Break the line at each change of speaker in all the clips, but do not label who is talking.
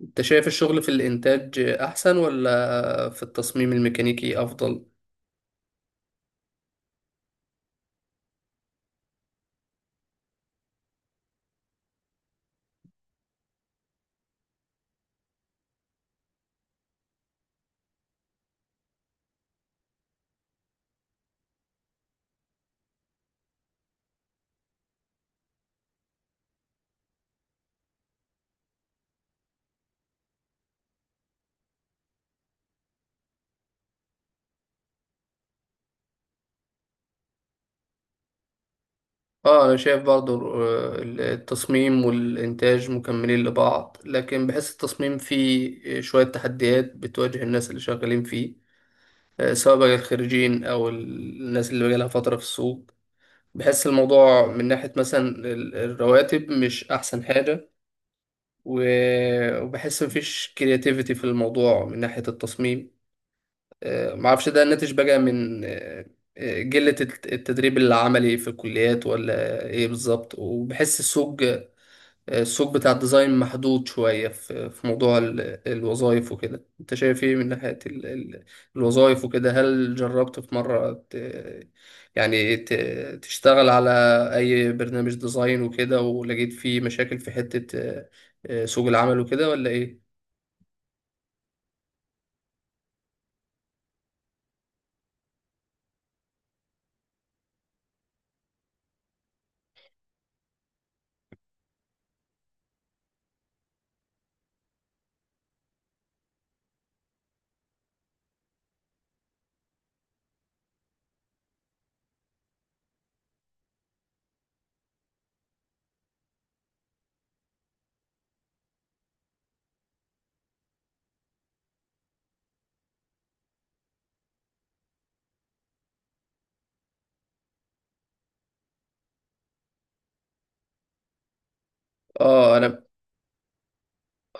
انت شايف الشغل في الانتاج احسن ولا في التصميم الميكانيكي افضل؟ اه انا شايف برضو التصميم والانتاج مكملين لبعض، لكن بحس التصميم فيه شوية تحديات بتواجه الناس اللي شغالين فيه، سواء بقى الخريجين او الناس اللي بقالها فترة في السوق. بحس الموضوع من ناحية مثلا الرواتب مش احسن حاجة، وبحس مفيش كرياتيفيتي في الموضوع من ناحية التصميم. ما اعرفش ده ناتج بقى من قلة التدريب العملي في الكليات ولا ايه بالظبط، وبحس السوق السوق بتاع الديزاين محدود شوية في موضوع الوظائف وكده. انت شايف ايه من ناحية الوظائف وكده؟ هل جربت في مرة يعني ت- تشتغل على اي برنامج ديزاين وكده ولقيت فيه مشاكل في حتة سوق العمل وكده ولا ايه؟ اه انا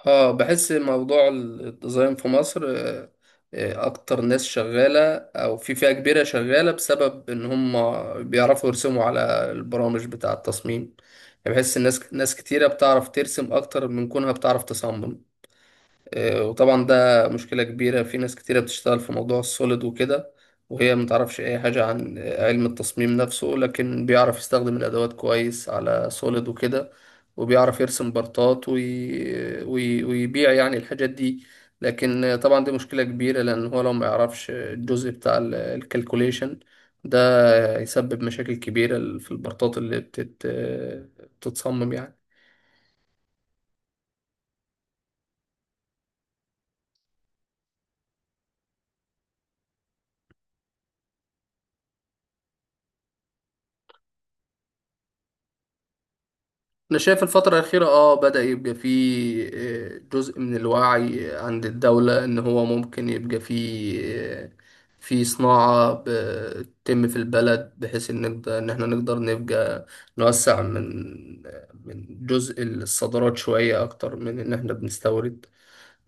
اه بحس موضوع الديزاين في مصر، اكتر ناس شغالة او في فئة كبيرة شغالة بسبب ان هم بيعرفوا يرسموا على البرامج بتاع التصميم. يعني بحس ناس كتيرة بتعرف ترسم اكتر من كونها بتعرف تصمم. وطبعا ده مشكلة كبيرة، في ناس كتيرة بتشتغل في موضوع السوليد وكده، وهي متعرفش أي حاجة عن علم التصميم نفسه، لكن بيعرف يستخدم الأدوات كويس على سوليد وكده، وبيعرف يرسم بارتات ويبيع يعني الحاجات دي. لكن طبعا دي مشكلة كبيرة، لأن هو لو ما يعرفش الجزء بتاع الكالكوليشن ده يسبب مشاكل كبيرة في البارتات اللي بتتصمم يعني. أنا شايف الفترة الأخيرة آه بدأ يبقى فيه جزء من الوعي عند الدولة إن هو ممكن يبقى فيه آه، في صناعة بتتم في البلد، بحيث إن نقدر إن إحنا نقدر نبقى نوسع من من جزء الصادرات شوية أكتر من إن إحنا بنستورد.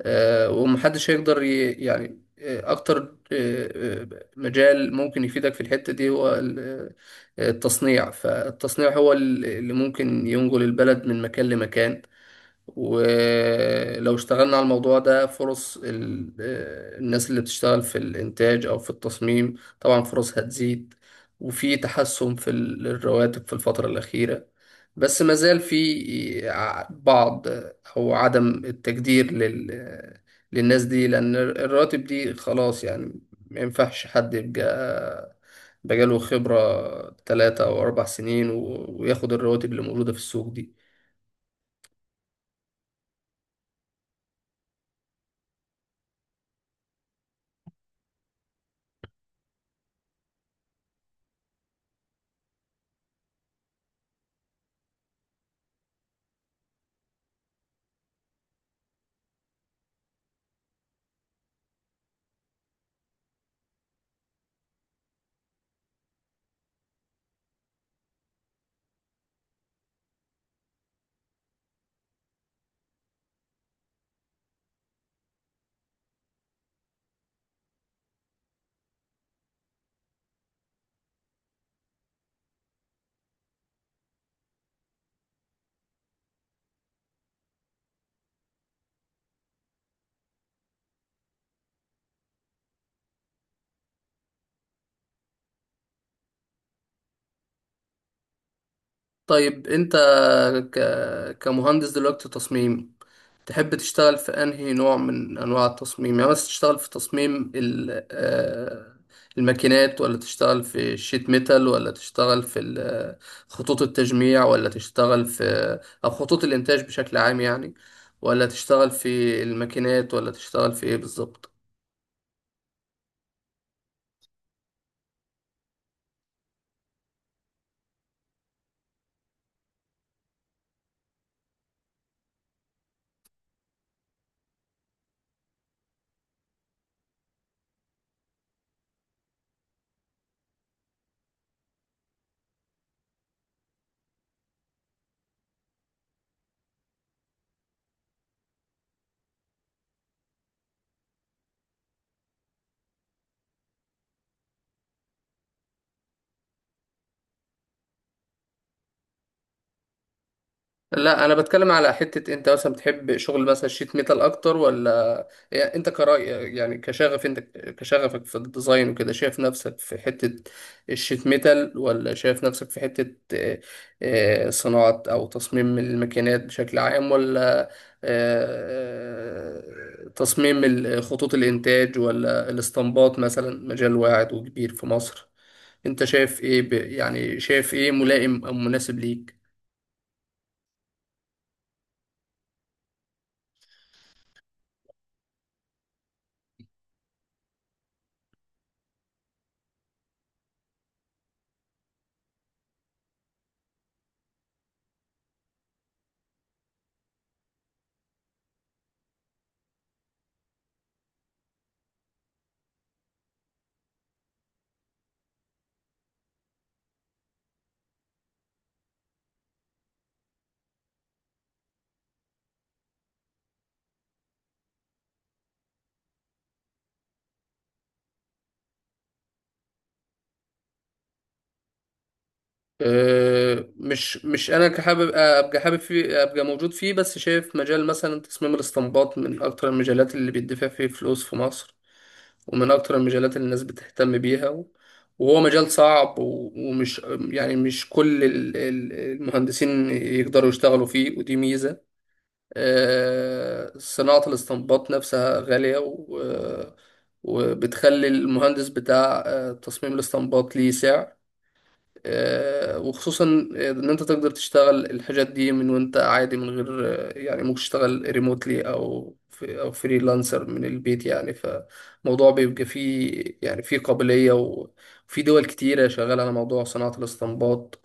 ومحدش هيقدر ي... يعني آه، أكتر آه، آه، مجال ممكن يفيدك في الحتة دي هو التصنيع، فالتصنيع هو اللي ممكن ينقل البلد من مكان لمكان. ولو اشتغلنا على الموضوع ده، فرص الناس اللي بتشتغل في الإنتاج أو في التصميم طبعا فرص هتزيد، وفي تحسن في الرواتب في الفترة الأخيرة، بس ما زال في بعض أو عدم التقدير لل آه، للناس دي، لأن الرواتب دي خلاص يعني ما ينفعش حد يبقى بقاله خبرة تلاتة أو أربع سنين وياخد الرواتب اللي موجودة في السوق دي. طيب انت كمهندس دلوقتي تصميم، تحب تشتغل في انهي نوع من انواع التصميم؟ يعني مثلا تشتغل في تصميم ال... آه، الماكينات، ولا تشتغل في الشيت ميتال، ولا تشتغل في خطوط التجميع، ولا تشتغل في آه، او خطوط الانتاج بشكل عام يعني؟ ولا تشتغل في الماكينات ولا تشتغل في ايه بالظبط؟ لا انا بتكلم على حتة انت مثلا بتحب شغل مثلا شيت ميتال اكتر، ولا يعني انت كرأي، يعني كشغف انت، كشغفك في الديزاين وكده شايف نفسك في حتة الشيت ميتال، ولا شايف نفسك في حتة صناعة او تصميم الماكينات بشكل عام، ولا تصميم خطوط الانتاج، ولا الاسطمبات مثلا مجال واعد وكبير في مصر؟ انت شايف ايه شايف ايه ملائم او مناسب ليك؟ أه، مش مش انا كحابب ابقى حابب فيه ابقى موجود فيه، بس شايف مجال مثلا تصميم الاستنباط من اكتر المجالات اللي بيدفع فيه فلوس في مصر، ومن اكتر المجالات اللي الناس بتهتم بيها، وهو مجال صعب و- ومش يعني مش كل المهندسين يقدروا يشتغلوا فيه، ودي ميزة. أه، صناعة الاستنباط نفسها غالية وبتخلي المهندس بتاع أه، تصميم الاستنباط ليه سعر. وخصوصا ان انت تقدر تشتغل الحاجات دي من وانت عادي من غير ممكن تشتغل ريموتلي، او فريلانسر من البيت يعني. فموضوع بيبقى فيه يعني فيه قابلية، وفي دول كتيرة شغالة على موضوع صناعة الاستنباط،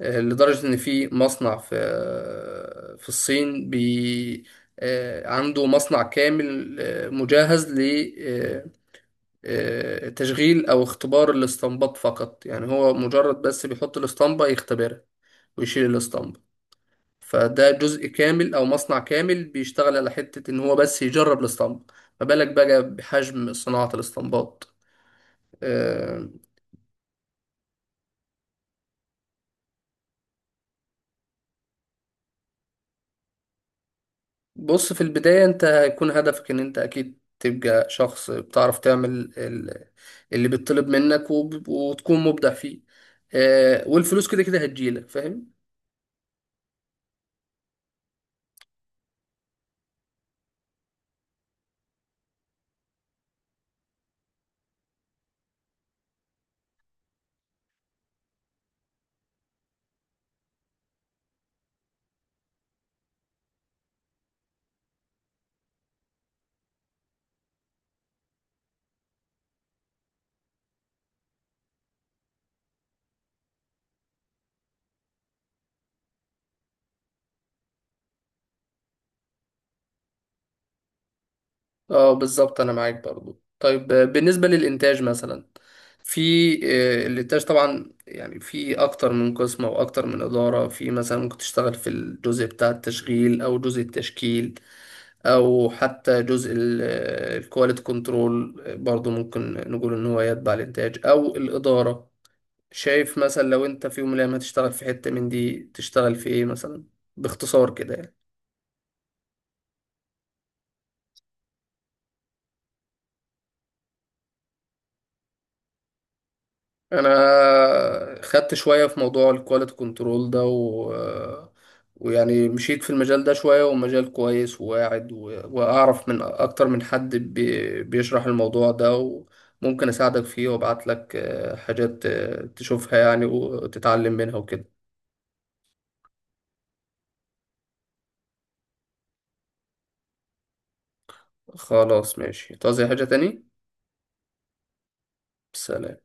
لدرجة ان في مصنع في في الصين بي آه، عنده مصنع كامل مجهز تشغيل أو اختبار الاستنباط فقط، يعني هو مجرد بس بيحط الاسطمبة يختبرها ويشيل الاسطمبة. فده جزء كامل أو مصنع كامل بيشتغل على حتة إن هو بس يجرب الاسطمبة، ما بالك بقى بحجم صناعة الاسطمبات. آه، بص، في البداية أنت هيكون هدفك إن أنت أكيد تبقى شخص بتعرف تعمل ال- اللي بيطلب منك، وتكون مبدع فيه، والفلوس كده كده هتجيلك، فاهم؟ اه بالظبط، انا معاك برضو. طيب بالنسبة للإنتاج مثلا، في الإنتاج طبعا يعني في أكتر من قسم أو أكتر من إدارة، في مثلا ممكن تشتغل في الجزء بتاع التشغيل، أو جزء التشكيل، أو حتى جزء الكواليتي كنترول برضو، ممكن نقول إن هو يتبع الإنتاج أو الإدارة. شايف مثلا لو أنت في يوم من الأيام هتشتغل في حتة من دي تشتغل في إيه مثلا، باختصار كده يعني؟ انا خدت شويه في موضوع الكواليتي كنترول ده، و... ويعني مشيت في المجال ده شويه، ومجال كويس وواعد، و... واعرف من اكتر من حد بيشرح الموضوع ده، وممكن اساعدك فيه وابعت لك حاجات تشوفها يعني وتتعلم منها وكده. خلاص ماشي، تعوز أي حاجه تاني؟ سلام.